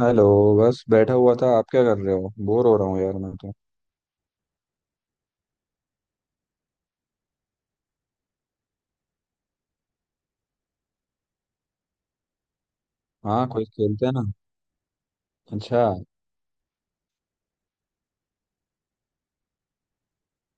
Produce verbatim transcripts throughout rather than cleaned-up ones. Hello. बस बैठा हुआ था। आप क्या कर रहे हो? बोर हो रहा हूँ यार मैं तो। हाँ, कोई खेलते हैं ना। अच्छा।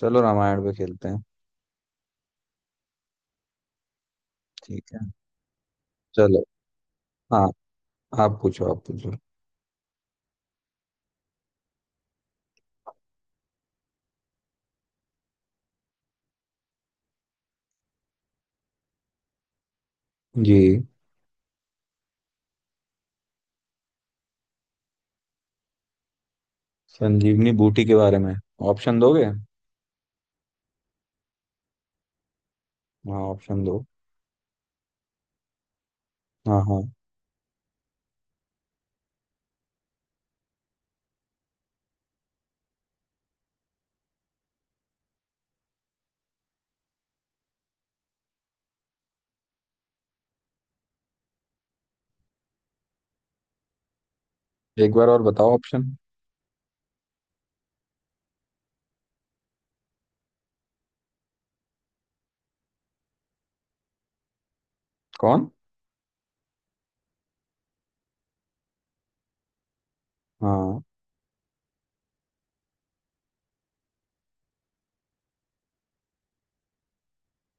चलो रामायण पे खेलते हैं। ठीक है। चलो। हाँ, आप पूछो आप पूछो। जी। संजीवनी बूटी के बारे में। ऑप्शन दोगे? हाँ, ऑप्शन दो। हाँ हाँ। एक बार और बताओ ऑप्शन। कौन? हाँ।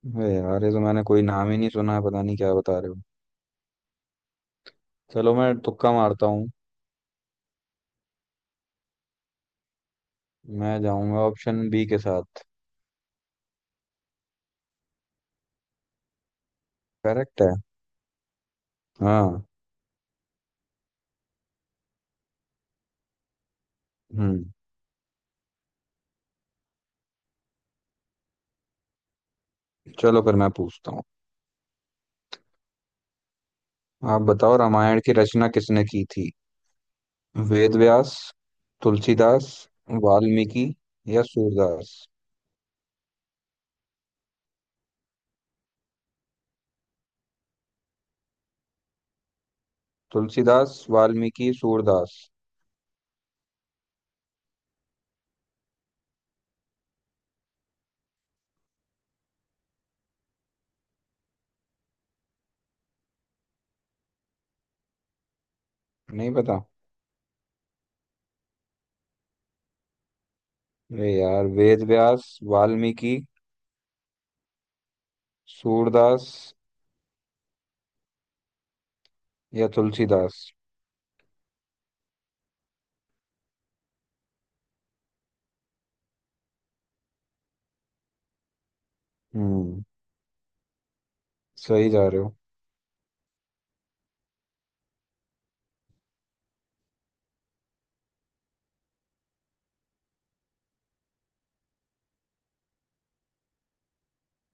अरे यार, ये तो मैंने कोई नाम ही नहीं सुना है, पता नहीं क्या बता रहे हो। चलो मैं तुक्का मारता हूँ। मैं जाऊंगा ऑप्शन बी के साथ। करेक्ट है। हाँ। हम्म। चलो फिर मैं पूछता हूँ। आप बताओ, रामायण की रचना किसने की थी? वेद व्यास, तुलसीदास, वाल्मीकि या सूरदास? तुलसीदास, वाल्मीकि, सूरदास। नहीं पता। अरे यार, वेद व्यास, वाल्मीकि, सूरदास या तुलसीदास। हम्म। सही जा रहे हो।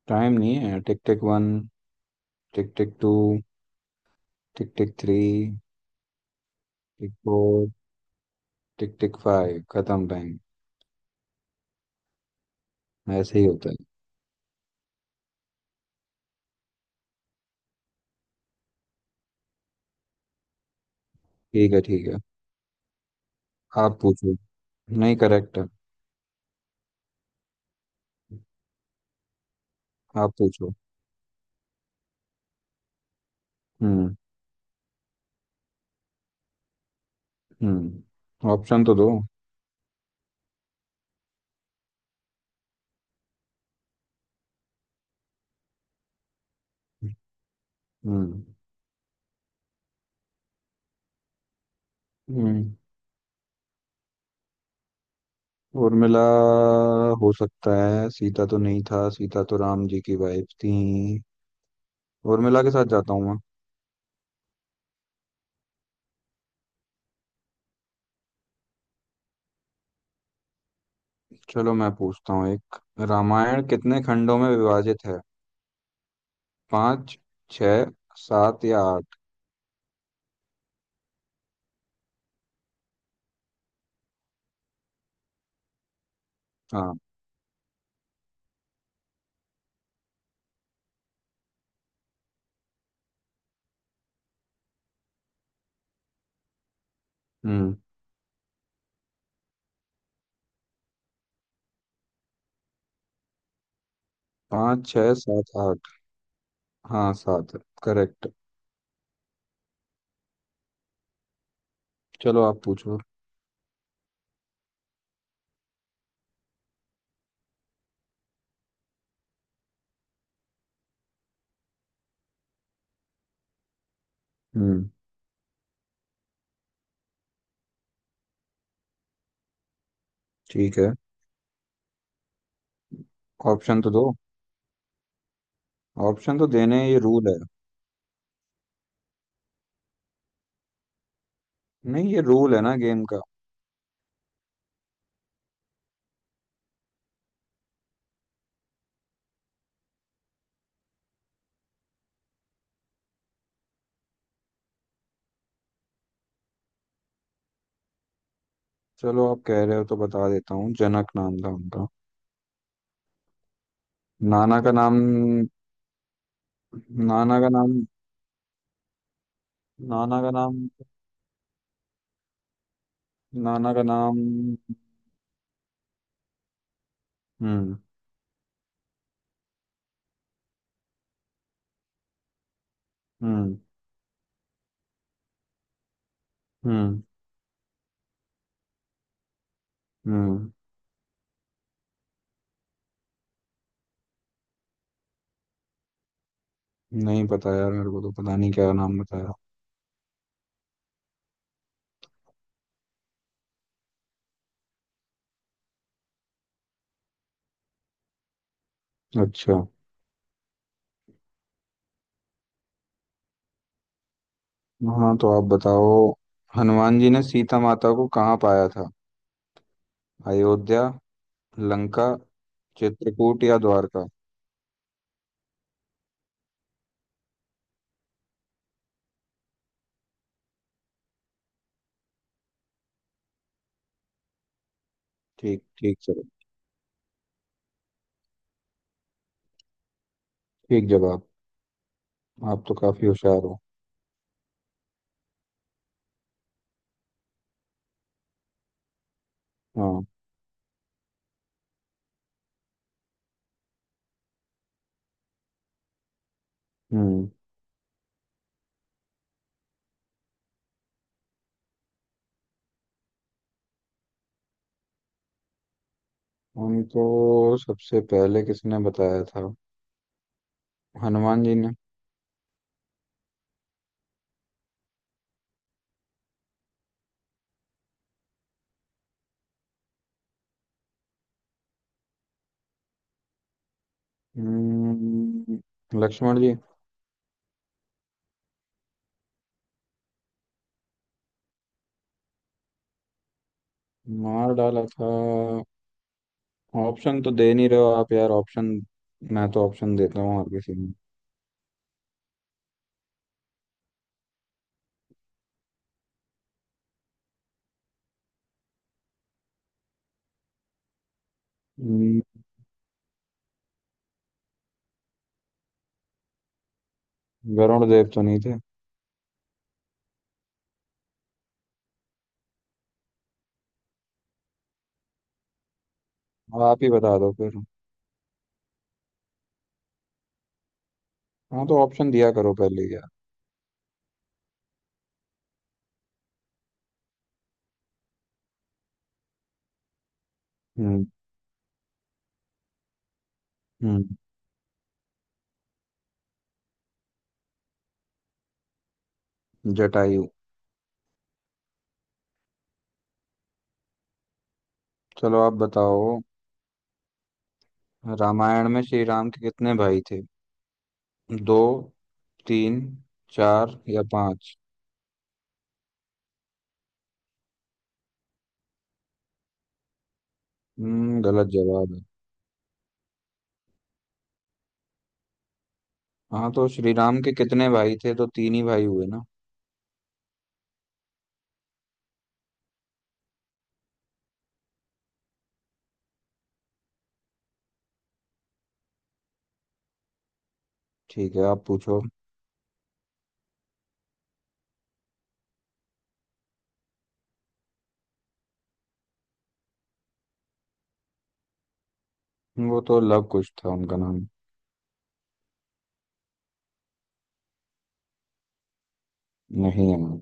टाइम नहीं है। Tick tick one. Tick tick two. Tick tick three. Tick four. Tick tick five, खत्म टाइम। ऐसे ही होता है। ठीक है ठीक है। आप पूछो। नहीं, करेक्ट है। आप पूछो। हम्म। हम्म ऑप्शन तो दो। हम्म। हम्म। उर्मिला। हो सकता है। सीता तो नहीं था, सीता तो राम जी की वाइफ थी। उर्मिला के साथ जाता हूँ मैं। चलो मैं पूछता हूँ एक। रामायण कितने खंडों में विभाजित है? पाँच, छः, सात या आठ? हाँ। हम्म। पाँच, छः, सात, आठ। हाँ, सात है करेक्ट। चलो आप पूछो। हम्म। ठीक है। ऑप्शन तो दो। ऑप्शन तो देने, ये रूल है। नहीं, ये रूल है ना गेम का। चलो आप कह रहे हो तो बता देता हूँ, जनक नाम था उनका। नाना का नाम। नाना का नाम। नाना का नाम। नाना का नाम। हम्म। हम्म। हम्म। हम्म। नहीं पता यार, मेरे को तो पता नहीं क्या नाम बताया। अच्छा। हाँ तो आप बताओ, हनुमान जी ने सीता माता को कहाँ पाया था? अयोध्या, लंका, चित्रकूट या द्वारका? ठीक ठीक सर। ठीक जवाब। आप तो काफी होशियार हो। हाँ। हम्म। उनको सबसे पहले किसने बताया था? हनुमान जी ने। हम्म, लक्ष्मण जी। मार डाला था? ऑप्शन तो दे नहीं रहे हो आप यार, ऑप्शन। मैं तो ऑप्शन देता हूँ हर किसी में। हम्म, वरुण देव तो नहीं थे? आप ही बता दो फिर। हाँ तो ऑप्शन दिया करो पहले यार। हम्म। हम्म। जटायु। चलो आप बताओ। रामायण में श्री राम के कितने भाई थे? दो, तीन, चार या पांच? हम्म। गलत जवाब है। हाँ तो श्री राम के कितने भाई थे तो तीन ही भाई हुए ना। ठीक है, आप पूछो। वो तो लव कुश था उनका नाम। नहीं है।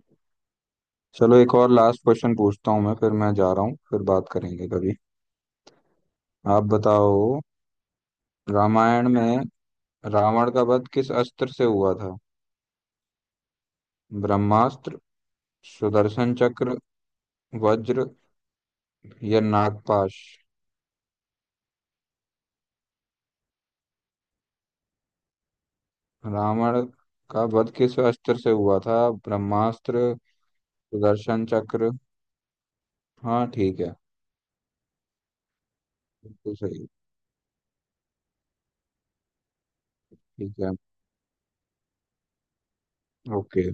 चलो एक और लास्ट क्वेश्चन पूछता हूँ मैं, फिर मैं जा रहा हूँ, फिर बात करेंगे कभी। आप बताओ, रामायण में रावण का वध किस अस्त्र से हुआ था? ब्रह्मास्त्र, सुदर्शन चक्र, वज्र या नागपाश? रावण का वध किस अस्त्र से हुआ था? ब्रह्मास्त्र, सुदर्शन चक्र। हाँ ठीक है। बिल्कुल सही। ठीक है। ओके।